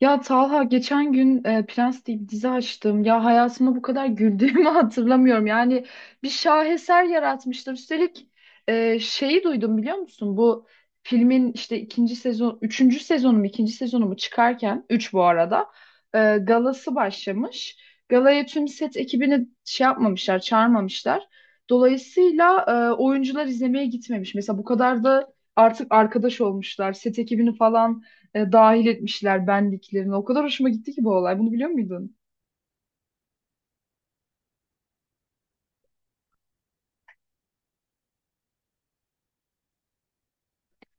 Ya Talha geçen gün Prens diye bir dizi açtım. Ya hayatımda bu kadar güldüğümü hatırlamıyorum. Yani bir şaheser yaratmışlar. Üstelik şeyi duydum biliyor musun? Bu filmin işte ikinci sezon, üçüncü sezonu mu, ikinci sezonu mu çıkarken, üç bu arada, galası başlamış. Galaya tüm set ekibini şey yapmamışlar, çağırmamışlar. Dolayısıyla oyuncular izlemeye gitmemiş. Mesela bu kadar da artık arkadaş olmuşlar. Set ekibini falan dahil etmişler benliklerini. O kadar hoşuma gitti ki bu olay. Bunu biliyor muydun?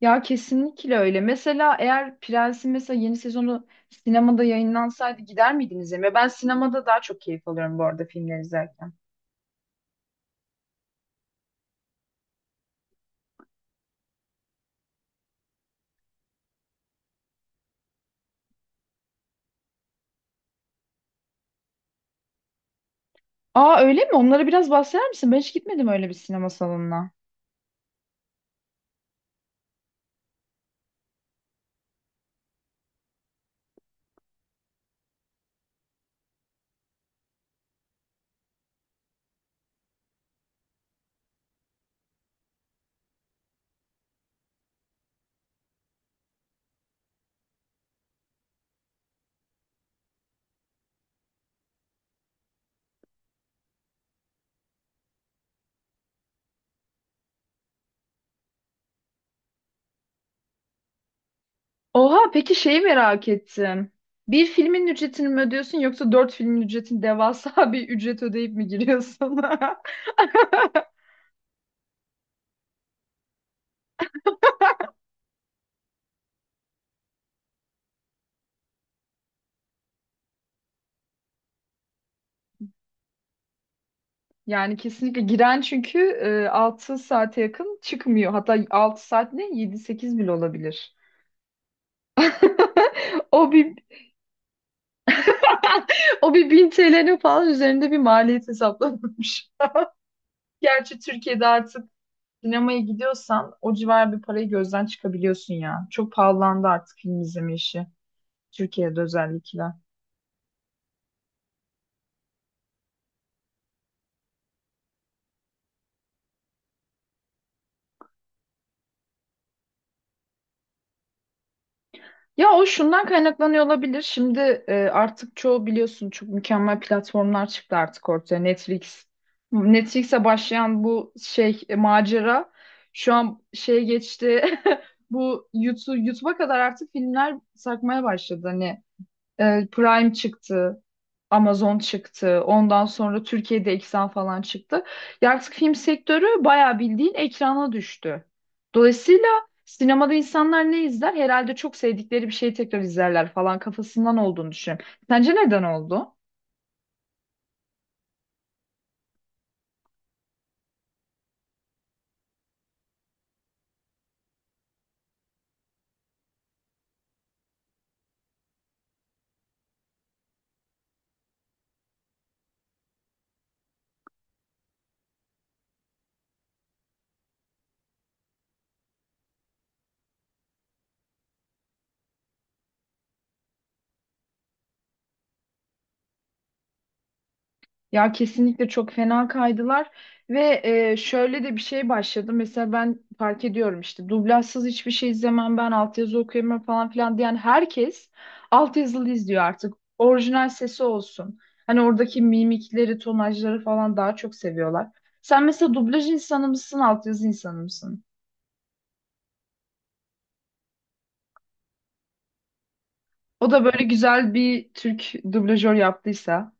Ya kesinlikle öyle. Mesela eğer Prens'in mesela yeni sezonu sinemada yayınlansaydı gider miydiniz izlemeye? Ben sinemada daha çok keyif alıyorum bu arada filmler izlerken. Aa, öyle mi? Onlara biraz bahseder misin? Ben hiç gitmedim öyle bir sinema salonuna. Oha, peki şeyi merak ettim. Bir filmin ücretini mi ödüyorsun yoksa dört filmin ücretini devasa bir ücret ödeyip mi giriyorsun? Yani kesinlikle giren, çünkü 6 saate yakın çıkmıyor. Hatta 6 saat ne? Yedi sekiz bile olabilir. O bir o bir 1000 TL'nin falan üzerinde bir maliyet hesaplanmış. Gerçi Türkiye'de artık sinemaya gidiyorsan o civar bir parayı gözden çıkabiliyorsun ya. Çok pahalandı artık film izleme işi. Türkiye'de özellikle. Ya o şundan kaynaklanıyor olabilir. Şimdi artık çoğu biliyorsun çok mükemmel platformlar çıktı artık ortaya. Netflix. Netflix'e başlayan bu şey macera şu an şeye geçti. Bu YouTube'a kadar artık filmler sarkmaya başladı. Hani Prime çıktı. Amazon çıktı. Ondan sonra Türkiye'de Eksen falan çıktı. Ya artık film sektörü bayağı bildiğin ekrana düştü. Dolayısıyla sinemada insanlar ne izler? Herhalde çok sevdikleri bir şeyi tekrar izlerler falan kafasından olduğunu düşünüyorum. Sence neden oldu? Ya kesinlikle çok fena kaydılar ve şöyle de bir şey başladı. Mesela ben fark ediyorum, işte dublajsız hiçbir şey izlemem, ben altyazı okuyamam falan filan diyen herkes altyazılı izliyor artık. Orijinal sesi olsun. Hani oradaki mimikleri, tonajları falan daha çok seviyorlar. Sen mesela dublaj insanı mısın, altyazı insanı mısın? O da böyle güzel bir Türk dublajör yaptıysa.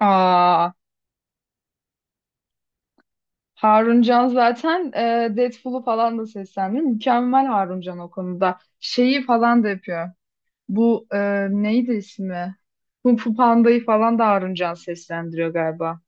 Aa. Harun Can zaten Deadpool'u falan da seslendiriyor. Mükemmel Harun Can o konuda. Şeyi falan da yapıyor. Bu neydi ismi? Kung Fu Panda'yı falan da Harun Can seslendiriyor galiba.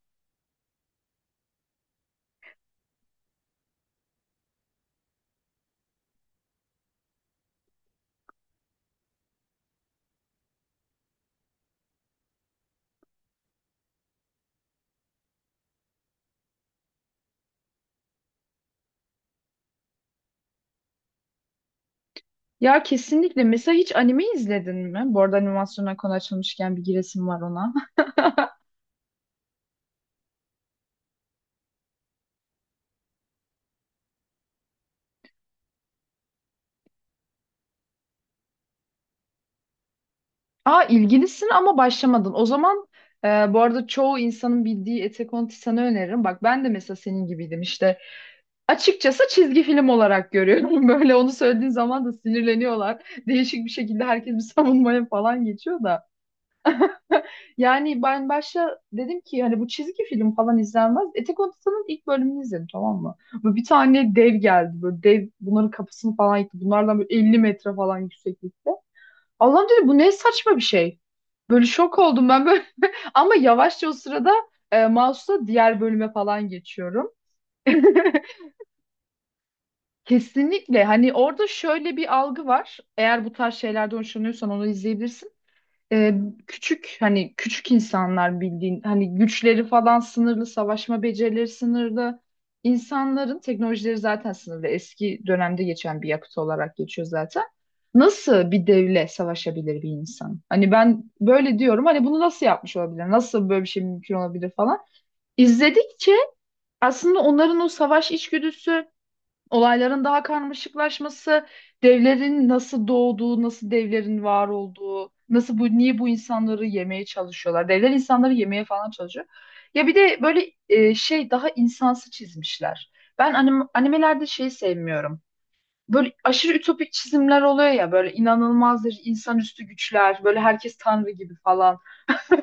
Ya kesinlikle. Mesela hiç anime izledin mi? Bu arada animasyona konu açılmışken bir giresim var ona. Aa, ilgilisin ama başlamadın. O zaman e, bu arada çoğu insanın bildiği Attack on Titan'ı öneririm. Bak ben de mesela senin gibiydim. İşte açıkçası çizgi film olarak görüyorum. Böyle onu söylediğin zaman da sinirleniyorlar. Değişik bir şekilde herkes bir savunmaya falan geçiyor da. Yani ben başta dedim ki hani bu çizgi film falan izlenmez. Etek Odası'nın ilk bölümünü izledim, tamam mı? Böyle bir tane dev geldi. Böyle dev bunların kapısını falan yıktı. Bunlardan böyle 50 metre falan yükseklikte. Allah'ım, dedim, bu ne saçma bir şey. Böyle şok oldum ben böyle. Ama yavaşça o sırada mouse'la diğer bölüme falan geçiyorum. Kesinlikle. Hani orada şöyle bir algı var. Eğer bu tarz şeylerden hoşlanıyorsan onu izleyebilirsin. Ee, Küçük, hani küçük insanlar, bildiğin hani güçleri falan sınırlı, savaşma becerileri sınırlı. İnsanların teknolojileri zaten sınırlı. Eski dönemde geçen bir yapıt olarak geçiyor zaten. Nasıl bir devle savaşabilir bir insan? Hani ben böyle diyorum. Hani bunu nasıl yapmış olabilir? Nasıl böyle bir şey mümkün olabilir falan. İzledikçe aslında onların o savaş içgüdüsü, olayların daha karmaşıklaşması, devlerin nasıl doğduğu, nasıl devlerin var olduğu, nasıl bu, niye bu insanları yemeye çalışıyorlar. Devler insanları yemeye falan çalışıyor. Ya bir de böyle şey, daha insansı çizmişler. Ben animelerde şeyi sevmiyorum. Böyle aşırı ütopik çizimler oluyor ya, böyle inanılmazdır, insanüstü güçler, böyle herkes tanrı gibi falan.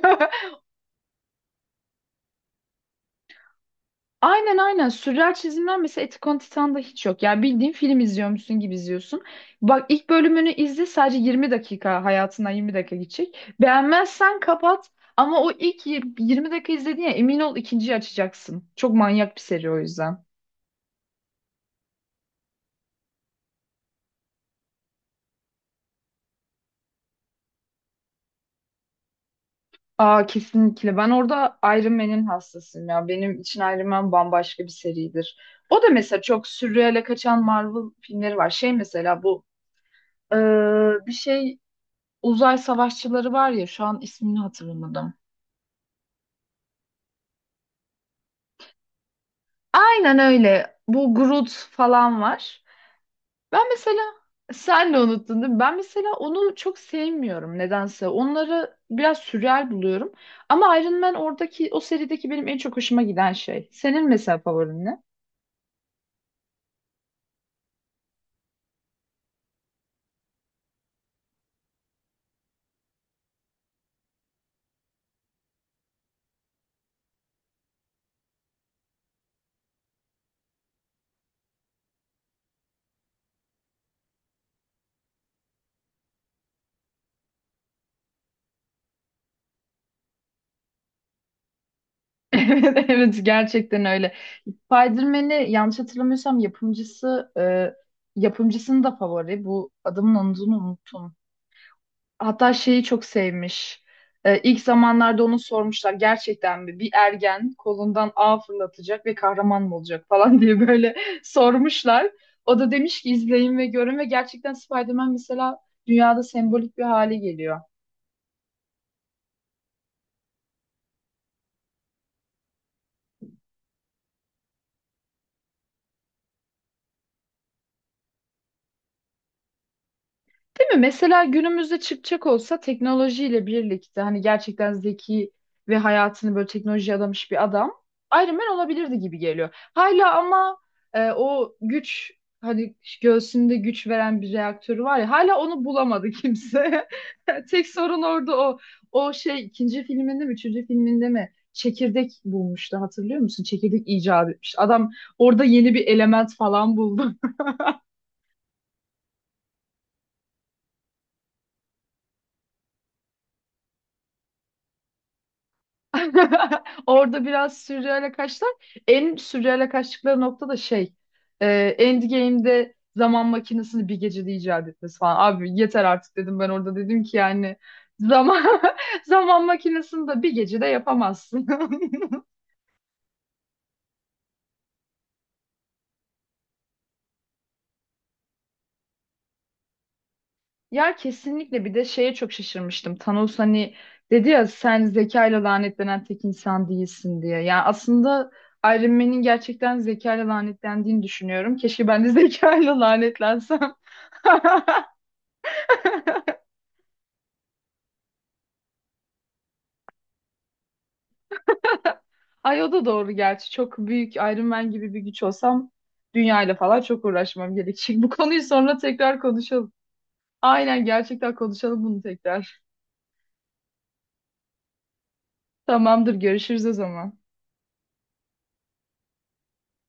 Aynen, aynen. Sürreal çizimler mesela Attack on Titan'da hiç yok. Yani bildiğin film izliyormuşsun gibi izliyorsun. Bak ilk bölümünü izle, sadece 20 dakika, hayatından 20 dakika geçecek. Beğenmezsen kapat, ama o ilk 20 dakika izledin ya, emin ol ikinciyi açacaksın. Çok manyak bir seri o yüzden. Aa, kesinlikle. Ben orada Iron Man'in hastasıyım ya. Benim için Iron Man bambaşka bir seridir. O da mesela çok sürreale kaçan Marvel filmleri var. Şey mesela bu ee, bir şey, uzay savaşçıları var ya, şu an ismini hatırlamadım. Aynen öyle. Bu Groot falan var. Ben mesela sen de unuttun değil mi? Ben mesela onu çok sevmiyorum nedense. Onları biraz sürreal buluyorum. Ama Iron Man, oradaki o serideki benim en çok hoşuma giden şey. Senin mesela favorin ne? Evet, evet, gerçekten öyle. Spider-Man'i yanlış hatırlamıyorsam yapımcısının da favori. Bu adamın adını unuttum. Hatta şeyi çok sevmiş. İlk zamanlarda onu sormuşlar, gerçekten mi bir ergen kolundan ağ fırlatacak ve kahraman mı olacak falan diye böyle sormuşlar. O da demiş ki izleyin ve görün, ve gerçekten Spider-Man mesela dünyada sembolik bir hale geliyor. Değil mi? Mesela günümüzde çıkacak olsa, teknolojiyle birlikte, hani gerçekten zeki ve hayatını böyle teknolojiye adamış bir adam Iron Man olabilirdi gibi geliyor. Hala ama o güç, hani göğsünde güç veren bir reaktörü var ya, hala onu bulamadı kimse. Tek sorun orada o. O şey ikinci filminde mi üçüncü filminde mi çekirdek bulmuştu, hatırlıyor musun? Çekirdek icat etmiş. Adam orada yeni bir element falan buldu. Orada biraz sürreale kaçtılar. En sürreale kaçtıkları nokta da şey. E, Endgame'de zaman makinesini bir gecede icat etmesi falan. Abi yeter artık, dedim ben orada, dedim ki yani zaman zaman makinesini de bir gecede yapamazsın. Ya kesinlikle, bir de şeye çok şaşırmıştım. Thanos hani dedi ya, sen zekayla lanetlenen tek insan değilsin diye. Yani aslında Iron Man'in gerçekten zekayla lanetlendiğini düşünüyorum. Keşke ben de zekayla lanetlensem. Ay, o da doğru gerçi. Çok büyük Iron Man gibi bir güç olsam dünyayla falan çok uğraşmam gerekecek. Bu konuyu sonra tekrar konuşalım. Aynen, gerçekten konuşalım bunu tekrar. Tamamdır, görüşürüz o zaman.